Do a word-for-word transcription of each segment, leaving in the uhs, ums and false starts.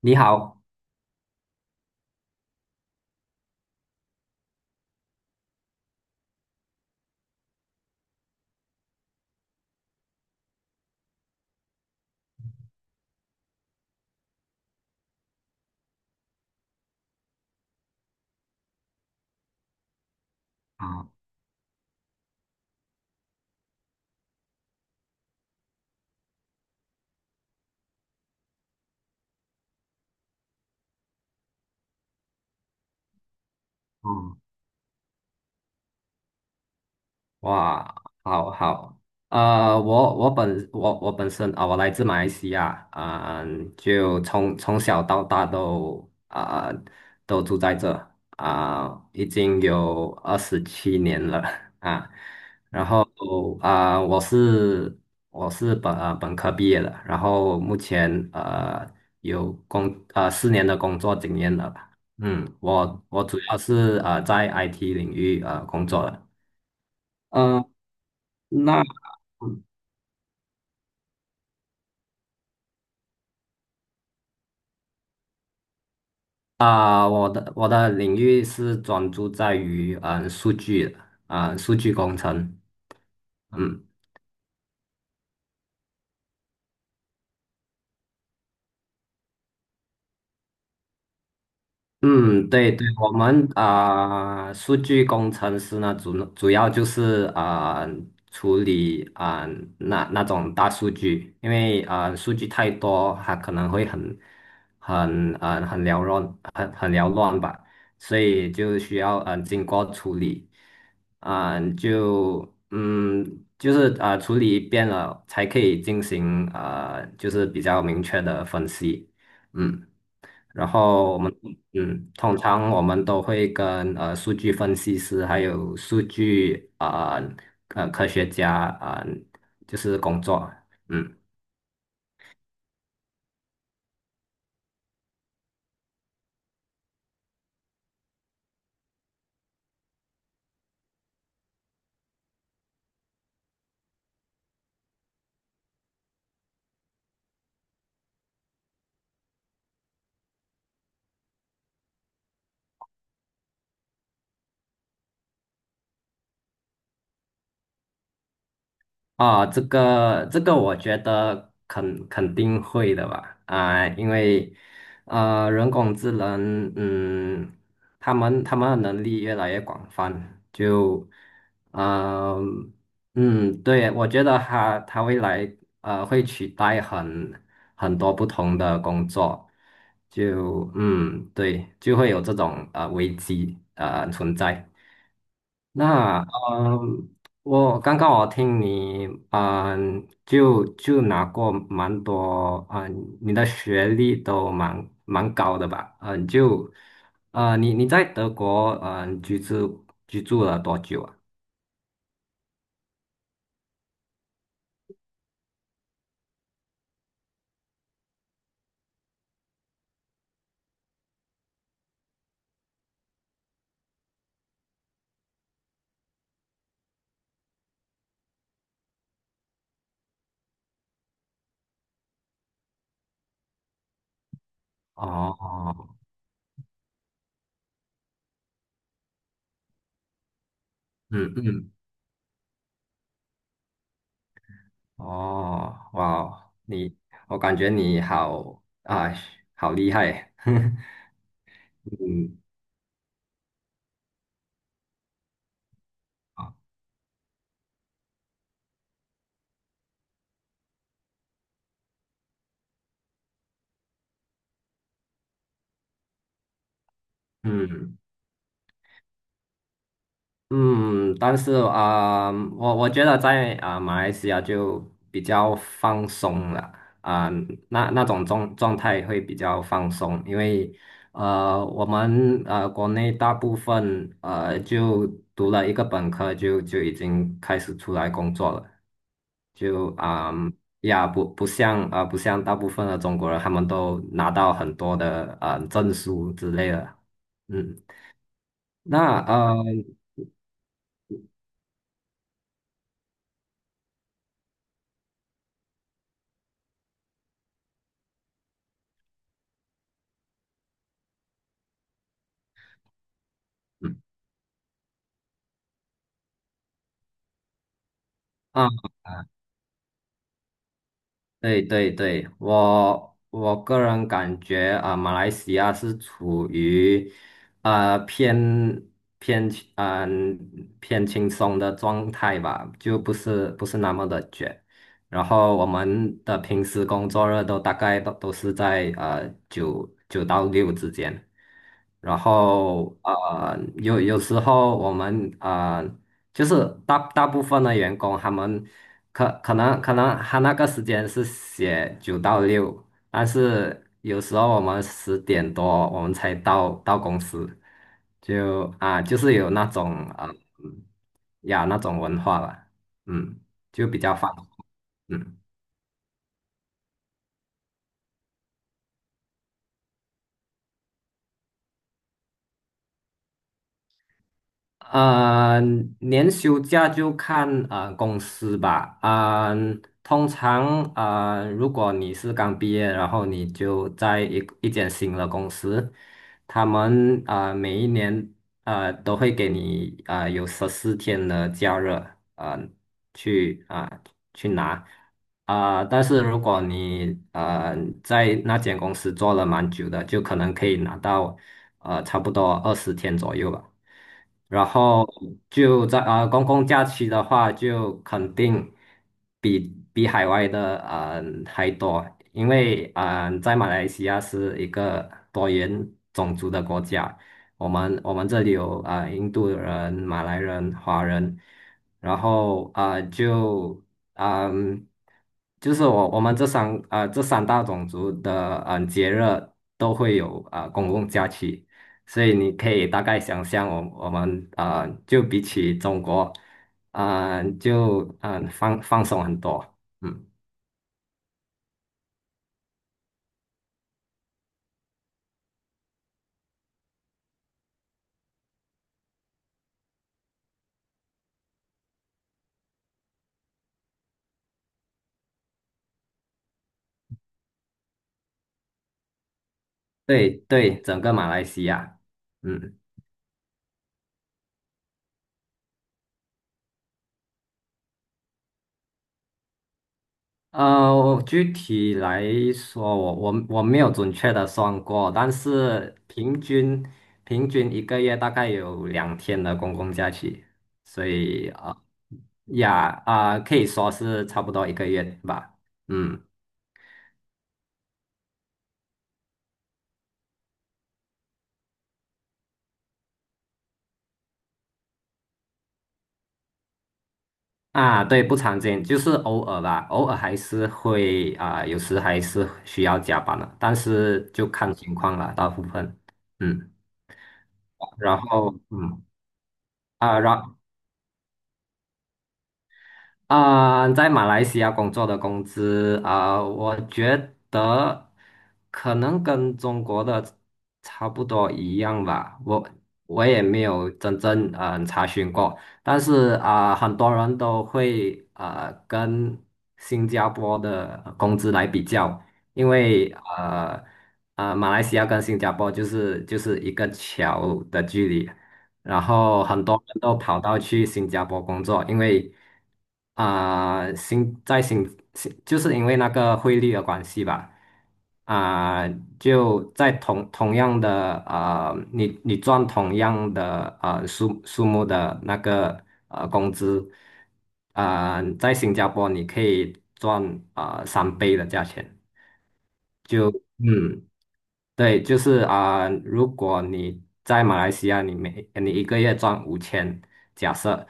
你好。啊，嗯。哇，好好，呃，我我本我我本身啊、我来自马来西亚，啊、就从从小到大都啊、都住在这，啊、已经有二十七年了。啊，然嗯后啊、我是我是本呃本科毕业的，然后目前呃有工呃四年的工作经验了吧。嗯，我我主要是呃在 I T 领域呃工作的。呃那啊、我的我的领域是专注在于嗯、呃数据，啊、呃数据工程。嗯。嗯，对对，我们啊、呃数据工程师呢，主主要就是啊、呃处理啊、呃那那种大数据，因为啊、呃数据太多，它可能会很很呃很缭乱，很很缭乱吧，所以就需要嗯、呃经过处理，啊、就嗯就是啊、呃处理一遍了，才可以进行啊、呃就是比较明确的分析。嗯。然后我们嗯，通常我们都会跟呃数据分析师还有数据啊呃，呃科学家啊、呃就是工作。嗯。啊，这个这个，我觉得肯肯定会的吧，啊、因为呃，人工智能，嗯，他们他们的能力越来越广泛，就，嗯嗯，对，我觉得他他未来呃会取代很很多不同的工作，就嗯，对，就会有这种呃危机呃存在。那嗯，我刚刚我听你嗯，就就拿过蛮多嗯，你的学历都蛮蛮高的吧？嗯，就呃，你你在德国嗯居住居住了多久啊？哦，嗯嗯，哦，哇，你我感觉你好啊，好厉害，嗯，啊，嗯。嗯，但是啊、我我觉得在啊、马来西亚就比较放松了，啊、那那种状状态会比较放松，因为呃，我们呃国内大部分呃就读了一个本科就就已经开始出来工作了，就啊、呀不不像啊、呃不像大部分的中国人，他们都拿到很多的呃证书之类的，嗯，那呃。嗯啊。对对对，我我个人感觉啊、马来西亚是处于啊、偏偏嗯、偏轻松的状态吧，就不是不是那么的卷。然后我们的平时工作日都大概都都是在呃九，九到六之间。然后呃，有有时候我们呃，就是大大部分的员工，他们可可能可能他那个时间是写九到六，但是有时候我们十点多我们才到到公司，就啊、就是有那种呃嗯呀那种文化了，嗯，就比较放松。嗯。啊、年休假就看啊、公司吧。啊、通常啊、如果你是刚毕业，然后你就在一一间新的公司，他们啊、每一年啊、都会给你啊、有十四天的假日，啊、去啊、去拿。啊、但是如果你呃在那间公司做了蛮久的，就可能可以拿到呃差不多二十天左右吧。然后就在啊、呃公共假期的话，就肯定比比海外的啊、呃还多，因为啊、呃在马来西亚是一个多元种族的国家，我们我们这里有啊、呃印度人、马来人、华人，然后啊、呃就嗯、就是我我们这三啊、呃这三大种族的嗯、呃节日都会有啊、呃公共假期。所以你可以大概想象，我我们啊、呃就比起中国，啊、就嗯、呃放，放松很多。嗯，对对，整个马来西亚。嗯，呃，我具体来说，我我我没有准确的算过，但是平均平均一个月大概有两天的公共假期，所以啊、呃呀啊、可以说是差不多一个月吧。嗯。啊，对，不常见，就是偶尔吧，偶尔还是会啊，有时还是需要加班的，但是就看情况了，大部分。嗯，然后嗯啊，然啊、在马来西亚工作的工资啊、我觉得可能跟中国的差不多一样吧。我我也没有真正嗯、呃查询过，但是啊、很多人都会呃跟新加坡的工资来比较，因为呃呃马来西亚跟新加坡就是就是一个桥的距离。然后很多人都跑到去新加坡工作，因为啊、新在新新就是因为那个汇率的关系吧，啊、就在同同样的啊、呃你你赚同样的呃数数目的那个呃工资，啊、在新加坡你可以赚啊、呃三倍的价钱，嗯，对，就是啊、如果你在马来西亚，你每你一个月赚五千，假设，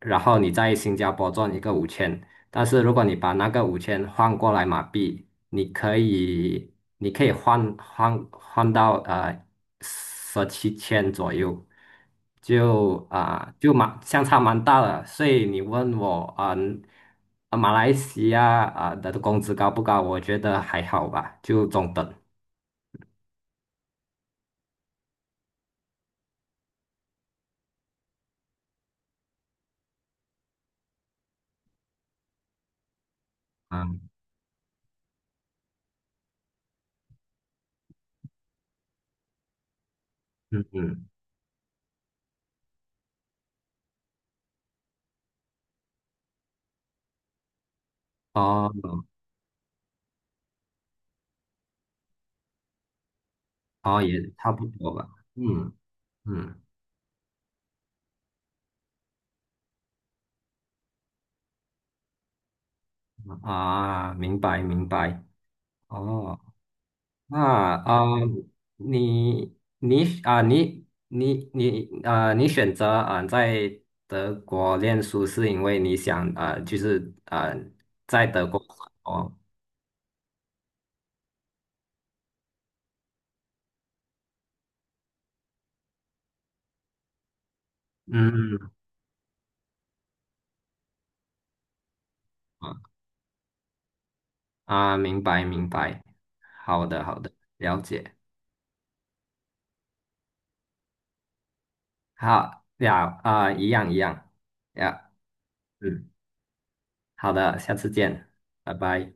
然后你在新加坡赚一个五千，但是如果你把那个五千换过来马币，你可以你可以换换换到呃十七千左右，就啊、就蛮相差蛮大的，所以你问我啊。啊马来西亚啊的工资高不高？我觉得还好吧，就中等。嗯嗯，哦，哦，也差不多吧。嗯嗯，啊，明白明白。哦，那啊，你你啊，你你你啊，你选择啊在德国念书，是因为你想啊，就是啊在德国。哦，嗯，啊，啊，明白明白。好的好的，了解。好呀，啊，一样一样呀。嗯。好的，下次见，拜拜。